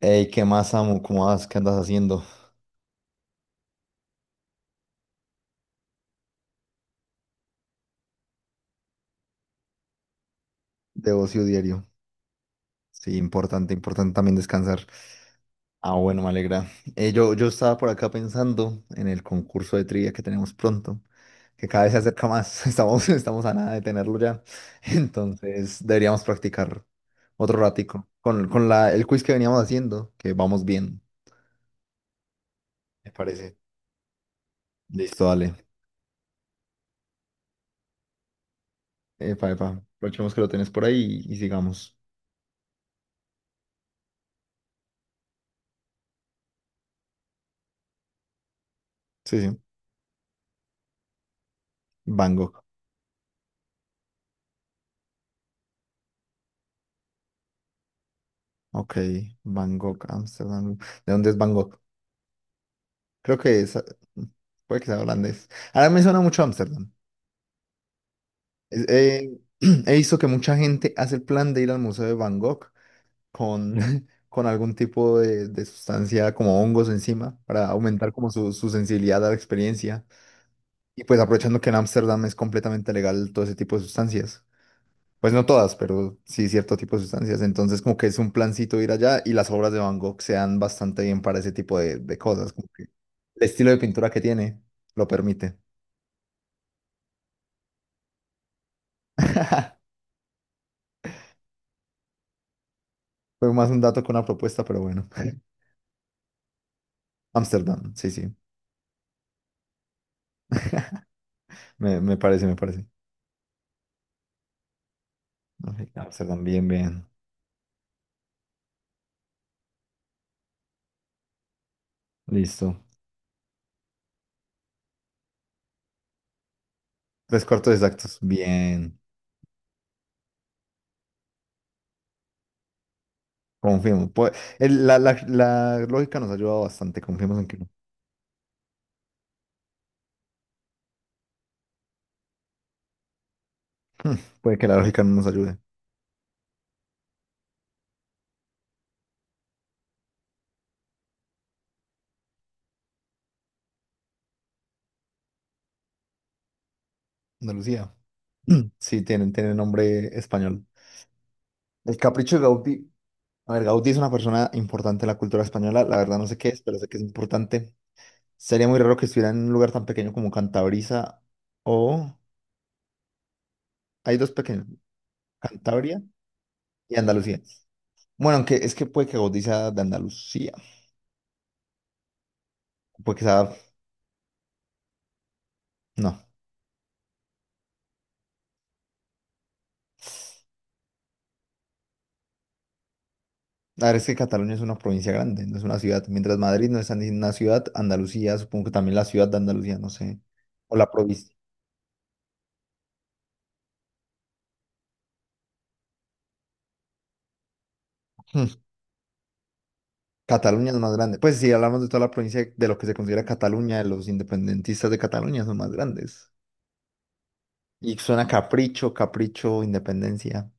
Ey, ¿qué más, amo? ¿Cómo vas? ¿Qué andas haciendo? De ocio diario. Sí, importante, importante también descansar. Ah, bueno, me alegra. Yo estaba por acá pensando en el concurso de trivia que tenemos pronto, que cada vez se acerca más. Estamos a nada de tenerlo ya. Entonces, deberíamos practicar otro ratico con el quiz que veníamos haciendo, que vamos bien, me parece. Listo, dale. Epa, epa. Aprovechemos que lo tenés por ahí y sigamos. Sí, sí. Bango. Ok, Bangkok, Ámsterdam. ¿De dónde es Bangkok? Creo que es, puede que sea holandés. Ahora me suena mucho Ámsterdam. Es- eh, he visto que mucha gente hace el plan de ir al Museo de Bangkok con, con algún tipo de sustancia como hongos encima para aumentar como su sensibilidad a la experiencia. Y pues aprovechando que en Ámsterdam es completamente legal todo ese tipo de sustancias. Pues no todas, pero sí cierto tipo de sustancias. Entonces, como que es un plancito ir allá y las obras de Van Gogh se dan bastante bien para ese tipo de cosas. Como que el estilo de pintura que tiene lo permite. Fue más un dato que una propuesta, pero bueno. Ámsterdam, sí, sí. Me parece, me parece. Ok, Ámsterdam, bien, bien. Listo. Tres cuartos exactos. Bien. Confirmo. La lógica nos ha ayudado bastante. Confiemos en que no. Hmm, puede que la lógica no nos ayude. Andalucía. Sí, tienen nombre español. El capricho de Gaudí. A ver, Gaudí es una persona importante en la cultura española. La verdad no sé qué es, pero sé que es importante. Sería muy raro que estuviera en un lugar tan pequeño como Cantabria o... Hay dos pequeños, Cantabria y Andalucía. Bueno, aunque es que puede que Gaudí sea de Andalucía. Puede que sea... No. La verdad es que Cataluña es una provincia grande, no es una ciudad. Mientras Madrid no es ni una ciudad, Andalucía, supongo que también la ciudad de Andalucía, no sé. O la provincia. Cataluña es más grande. Pues si hablamos de toda la provincia de lo que se considera Cataluña, los independentistas de Cataluña son más grandes. Y suena capricho, capricho, independencia.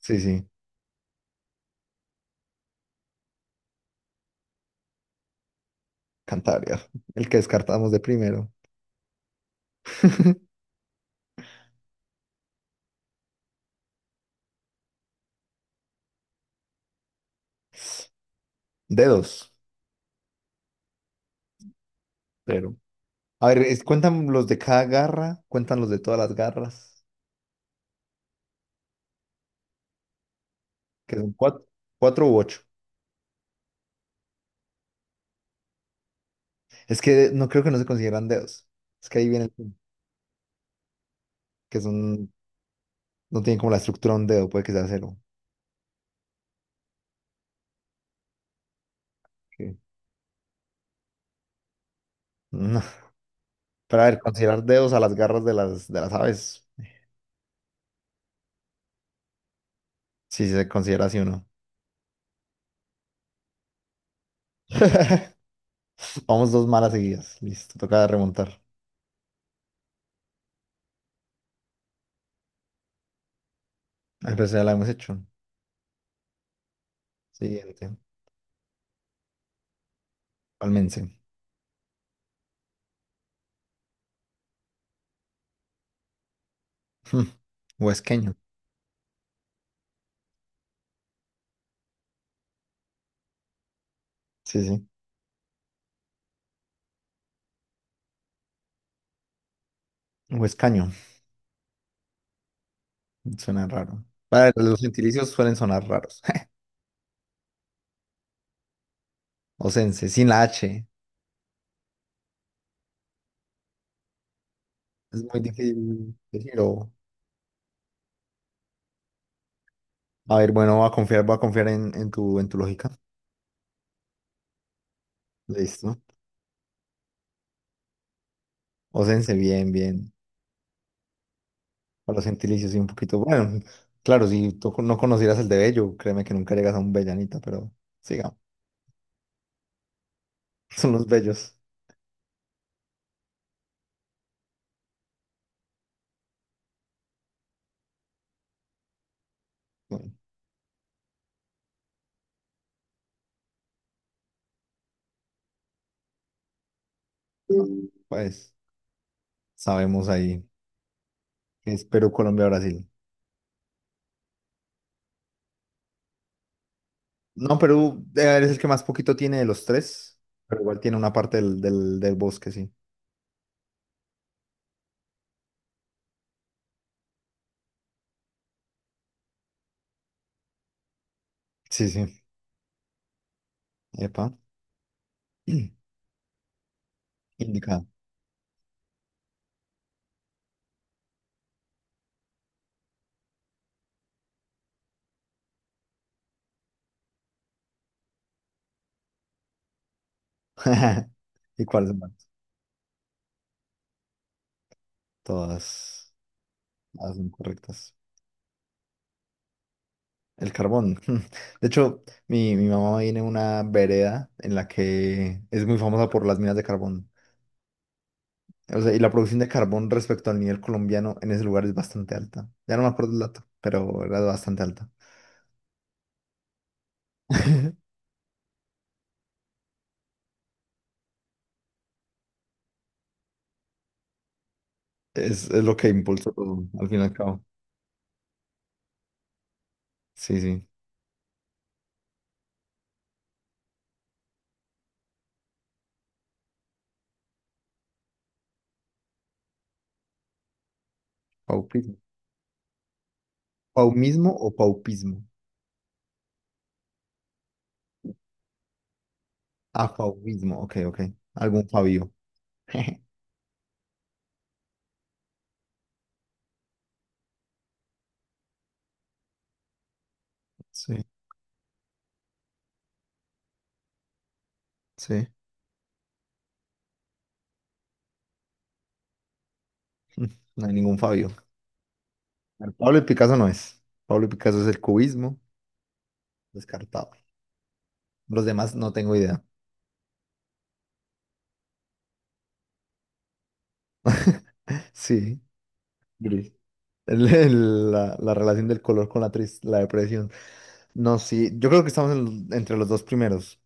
Sí, sí, Cantabria, el que descartamos de primero. Dedos, pero. A ver, cuentan los de cada garra, cuentan los de todas las garras, que son cuatro, cuatro u ocho. Es que no creo que no se consideran dedos. Es que ahí viene el punto, que son, no tienen como la estructura de un dedo, puede que sea cero. que- No. Pero a ver, considerar dedos a las garras de las aves. Sí se considera así o no. Vamos dos malas seguidas. Listo, toca remontar. A ver, ya la hemos hecho. Siguiente. Palmense. Hmm, huesqueño. Sí, sí. Huescaño. Suena raro. Para los gentilicios suelen sonar raros. Osense, sin la H. Es muy difícil decirlo. A ver, bueno, voy a confiar en tu lógica. Listo. Osense, bien, bien. A los gentilicios, y un poquito. Bueno, claro, si tú no conocieras el de Bello, créeme que nunca llegas a un Bellanita, pero sigamos. Son los bellos. Bueno, ah, pues sabemos ahí que es Perú, Colombia, Brasil. No, Perú es el que más poquito tiene de los tres, pero igual tiene una parte del bosque, sí. Sí, sí. Epa. Indicado. ¿Y cuáles más? Todas, todas incorrectas. El carbón. De hecho, mi mamá viene de una vereda en la que es muy famosa por las minas de carbón. O sea, y la producción de carbón respecto al nivel colombiano en ese lugar es bastante alta. Ya no me acuerdo el dato, pero era bastante alta. Es lo que impulsó todo, al fin y al cabo. Sí, sí. Paupismo. ¿Paumismo o paupismo? Ah, paupismo. Ok, ok. Algún Fabio. Sí, sí. No hay ningún Fabio. A ver, Pablo y Picasso no es. Pablo y Picasso es el cubismo. Descartado. Los demás no tengo idea. Sí. Gris. La relación del color con la, la depresión. No, sí, yo creo que estamos entre los dos primeros.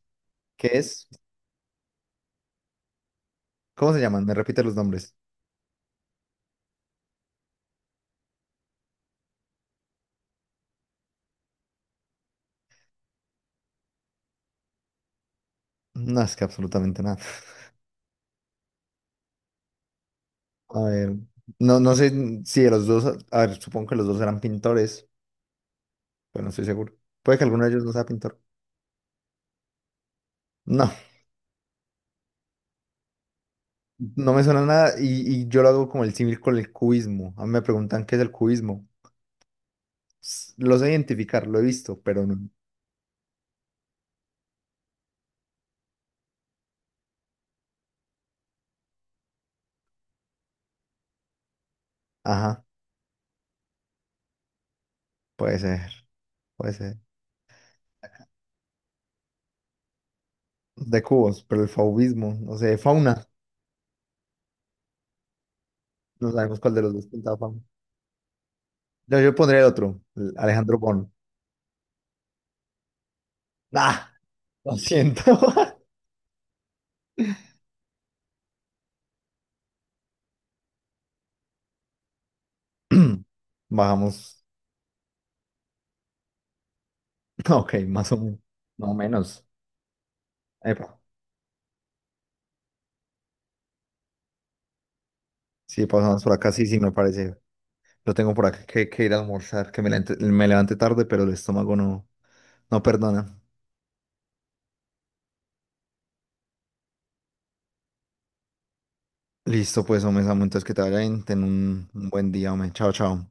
¿Qué es? ¿Cómo se llaman? Me repite los nombres. No, es que absolutamente nada. A ver, no, no sé si de los dos, a ver, supongo que los dos eran pintores, pero no estoy seguro. Puede que alguno de ellos no sea pintor. No, no me suena nada y yo lo hago como el símil con el cubismo. A mí me preguntan qué es el cubismo. Lo sé identificar, lo he visto, pero no. Ajá, puede ser. Puede ser. De cubos, pero el fauvismo, no sé, fauna. No sabemos cuál de los dos pintaba fauna. Yo pondría el otro, el Alejandro Bon. ¡Ah! Lo siento. Bajamos. Ok, más o menos. No menos. Epa. Sí, pasamos por acá. Sí, sí, me parece. Lo tengo por acá que ir a almorzar, que me levante tarde, pero el estómago no, no perdona. Listo, pues, hombre, Samu, entonces que te vaya bien. Ten un buen día, hombre. Chao, chao.